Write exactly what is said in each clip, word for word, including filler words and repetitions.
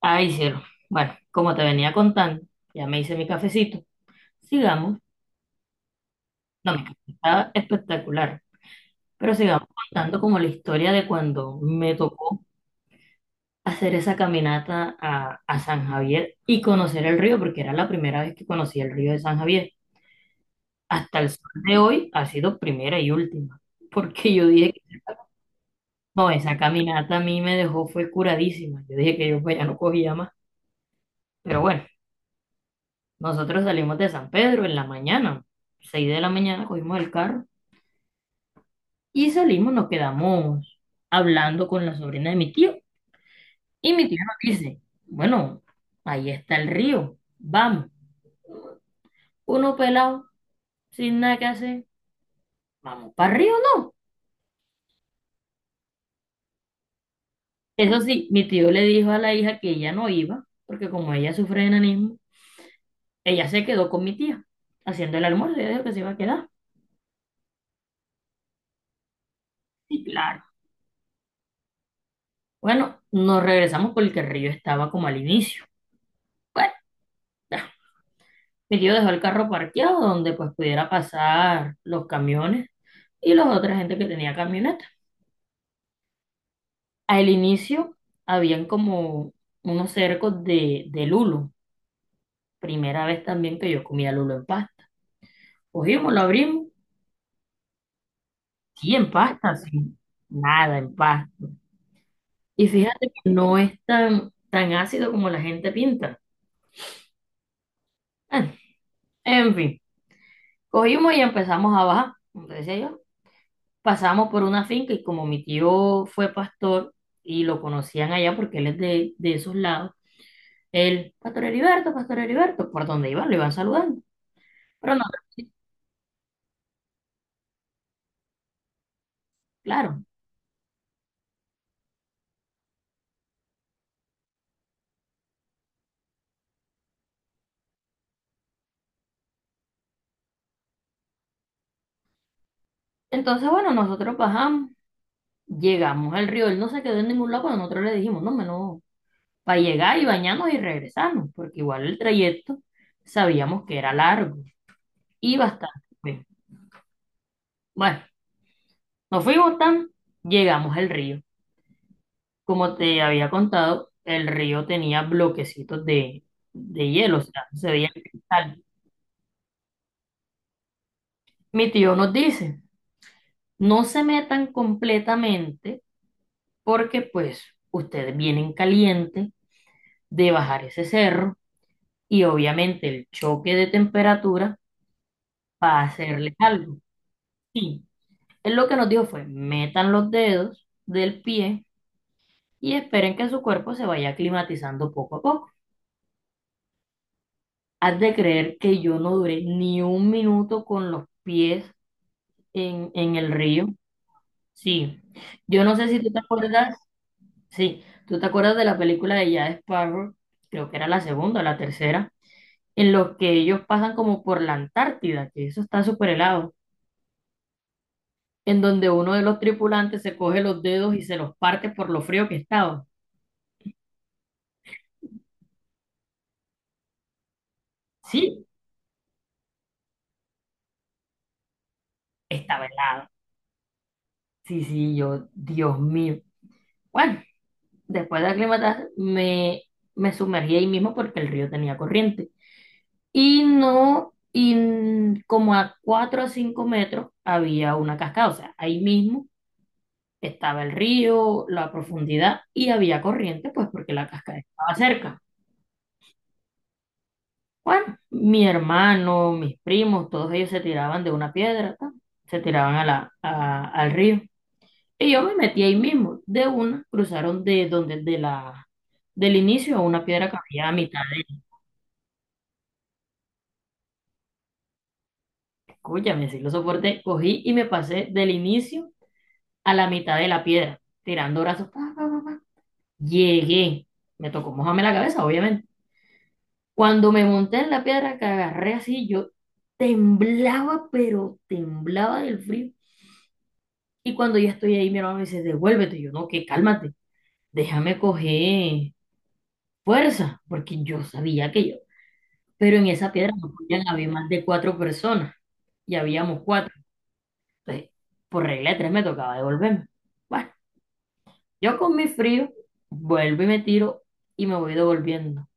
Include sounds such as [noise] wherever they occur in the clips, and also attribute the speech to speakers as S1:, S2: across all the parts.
S1: Ay, cielo. Bueno, como te venía contando, ya me hice mi cafecito. Sigamos. No, mi café está espectacular. Pero sigamos contando como la historia de cuando me tocó hacer esa caminata a, a San Javier y conocer el río, porque era la primera vez que conocí el río de San Javier. Hasta el sol de hoy ha sido primera y última, porque yo dije que no, esa caminata a mí me dejó, fue curadísima. Yo dije que yo pues, ya no cogía más, pero bueno. Nosotros salimos de San Pedro en la mañana, seis de la mañana, cogimos el carro y salimos, nos quedamos hablando con la sobrina de mi tío. Y mi tío nos dice, bueno, ahí está el río, vamos. Uno pelado, sin nada que hacer, vamos para el río, ¿no? Eso sí, mi tío le dijo a la hija que ella no iba, porque como ella sufre de enanismo, ella se quedó con mi tía, haciendo el almuerzo, ella dijo que se iba a quedar. Y claro, bueno, nos regresamos porque el río estaba como al inicio. Bueno, Mi tío dejó el carro parqueado donde pues pudiera pasar los camiones y la otra gente que tenía camioneta. Al inicio habían como unos cercos de, de lulo. Primera vez también que yo comía lulo en pasta. Cogimos, lo abrimos, sí, en pasta, sí, nada en pasta. Y fíjate que no es tan, tan ácido como la gente pinta. Ah, En fin, cogimos y empezamos a bajar. Entonces yo, pasamos por una finca y como mi tío fue pastor y lo conocían allá porque él es de, de esos lados, él, Pastor Heriberto, Pastor Heriberto, por donde iban, lo iban saludando. Pero no, sí, claro. Entonces, bueno, nosotros bajamos, llegamos al río, él no se quedó en ningún lado, pero nosotros le dijimos, no, no, para llegar y bañarnos y regresarnos, porque igual el trayecto sabíamos que era largo y bastante. Bueno, nos fuimos tan, llegamos al río. Como te había contado, el río tenía bloquecitos de, de hielo, o sea, se veía el cristal. Mi tío nos dice, no se metan completamente porque pues ustedes vienen calientes de bajar ese cerro y obviamente el choque de temperatura va a hacerles algo. Sí, él lo que nos dijo fue, metan los dedos del pie y esperen que su cuerpo se vaya climatizando poco a poco. Has de creer que yo no duré ni un minuto con los pies En, en el río, sí. Yo no sé si tú te acuerdas, sí, tú te acuerdas de la película de Jack Sparrow, creo que era la segunda o la tercera, en los que ellos pasan como por la Antártida, que eso está súper helado, en donde uno de los tripulantes se coge los dedos y se los parte por lo frío que estaba. Sí, estaba helado. Sí, sí, yo, Dios mío. Bueno, después de aclimatar, me, me sumergí ahí mismo porque el río tenía corriente. Y no, y n- como a cuatro o cinco metros había una cascada, o sea, ahí mismo estaba el río, la profundidad y había corriente, pues porque la cascada estaba cerca. Bueno, mi hermano, mis primos, todos ellos se tiraban de una piedra, ta, se tiraban a la, a- al río. Y yo me metí ahí mismo, de una, cruzaron de donde, de la, del inicio a una piedra que había a mitad. Escúchame, sí lo soporté, cogí y me pasé del inicio a la mitad de la piedra, tirando brazos. Pa, pa, pa, pa. Llegué, me tocó mojarme la cabeza, obviamente. Cuando me monté en la piedra que agarré así, yo temblaba, pero temblaba del frío. Y cuando ya estoy ahí, mi hermano me dice, devuélvete. Y yo, no, que cálmate, déjame coger fuerza, porque yo sabía que yo. Pero en esa piedra no podían haber más de cuatro personas, y habíamos cuatro. Entonces, por regla de tres me tocaba devolverme. Bueno, Yo con mi frío vuelvo y me tiro y me voy devolviendo.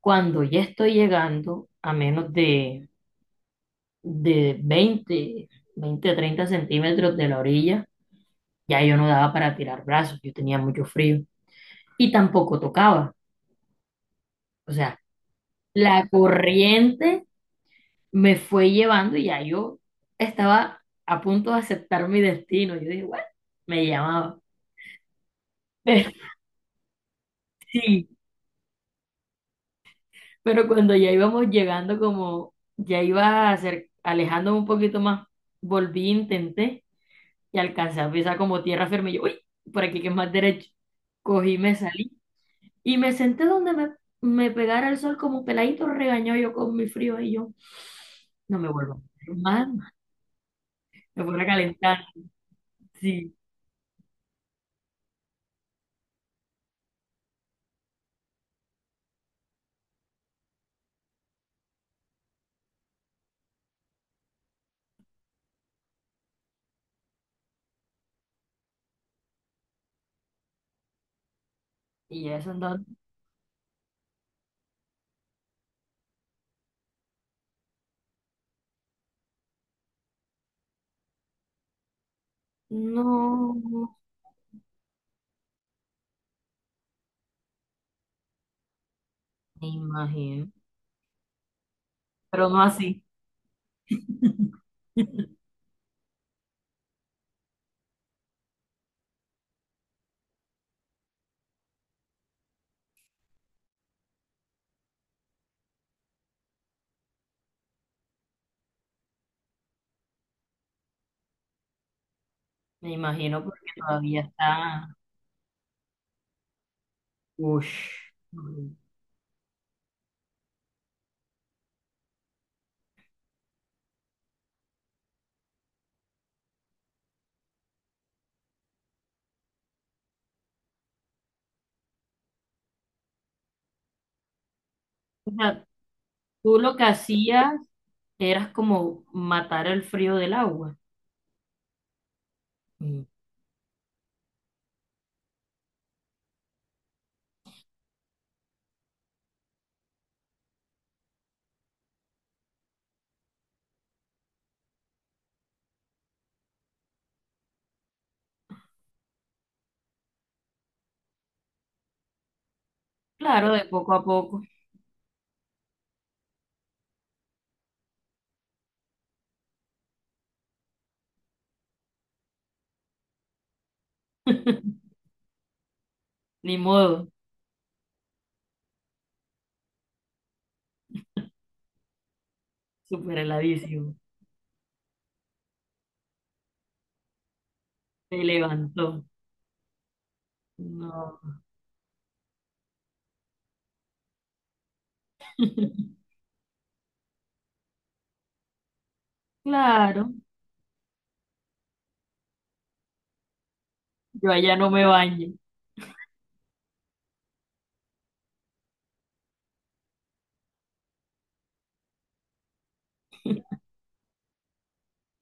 S1: Cuando ya estoy llegando a menos de, de veinte veinte treinta centímetros de la orilla, ya yo no daba para tirar brazos, yo tenía mucho frío y tampoco tocaba. O sea, la corriente me fue llevando y ya yo estaba a punto de aceptar mi destino. Yo dije, bueno, me llamaba. [laughs] Sí, Pero cuando ya íbamos llegando, como ya iba a acer- alejándome un poquito más, volví, intenté y alcancé a pisar como tierra firme. Yo, uy, por aquí que es más derecho. Cogí, me salí y me senté donde me, me pegara el sol como peladito regañó yo con mi frío y yo, no me vuelvo a meter más, me fuera a calentar, sí. Y eso entonces, no, me imagino, pero no así. [laughs] Me imagino porque todavía está. Uff. Tú lo que hacías era como matar el frío del agua. Mm. Claro, de poco a poco. [laughs] Ni modo, súper heladísimo. Se levantó. No. [laughs] Claro, yo allá no me baño.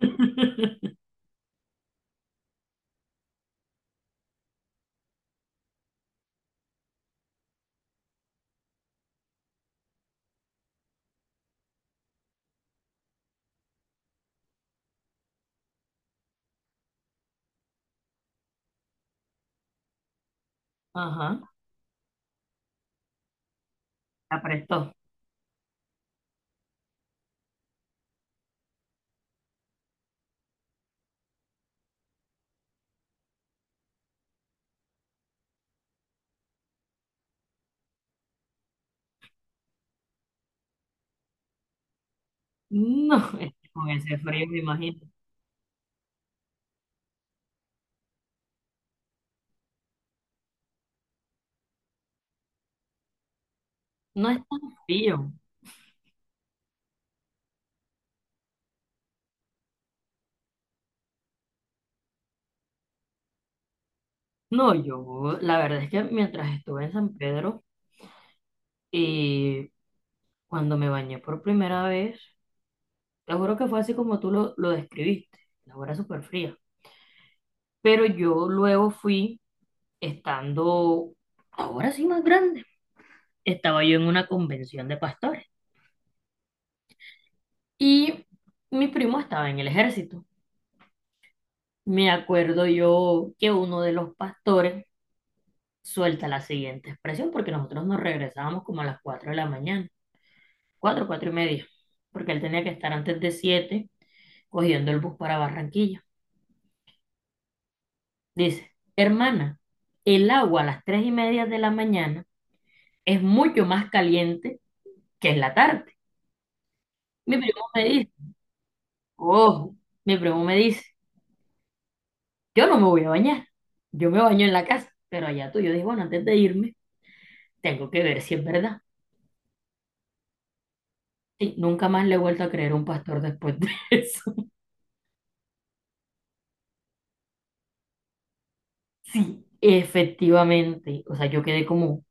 S1: [laughs] Ajá, se aprestó. No, [laughs] es que con ese frío me imagino. No es tan frío. No, yo, la verdad es que mientras estuve en San Pedro y cuando me bañé por primera vez, te juro que fue así como tú lo, lo describiste. La hora súper fría. Pero yo luego fui, estando ahora sí más grande, estaba yo en una convención de pastores y mi primo estaba en el ejército. Me acuerdo yo que uno de los pastores suelta la siguiente expresión porque nosotros nos regresábamos como a las cuatro de la mañana, cuatro cuatro y media, porque él tenía que estar antes de siete cogiendo el bus para Barranquilla. Dice, hermana, el agua a las tres y media de la mañana es mucho más caliente que en la tarde. Mi primo me dice, oh, mi primo me dice, yo no me voy a bañar, yo me baño en la casa, pero allá tú, yo dije, bueno, antes de irme, tengo que ver si es verdad. Sí, nunca más le he vuelto a creer a un pastor después de [laughs] eso. Sí, efectivamente, o sea, yo quedé como,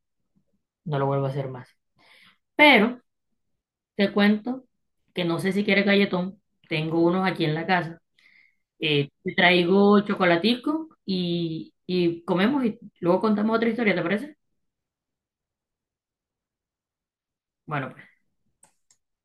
S1: no lo vuelvo a hacer más. Pero te cuento que no sé si quiere galletón, tengo unos aquí en la casa, eh, te traigo chocolatico y, y comemos y luego contamos otra historia, ¿te parece? Bueno,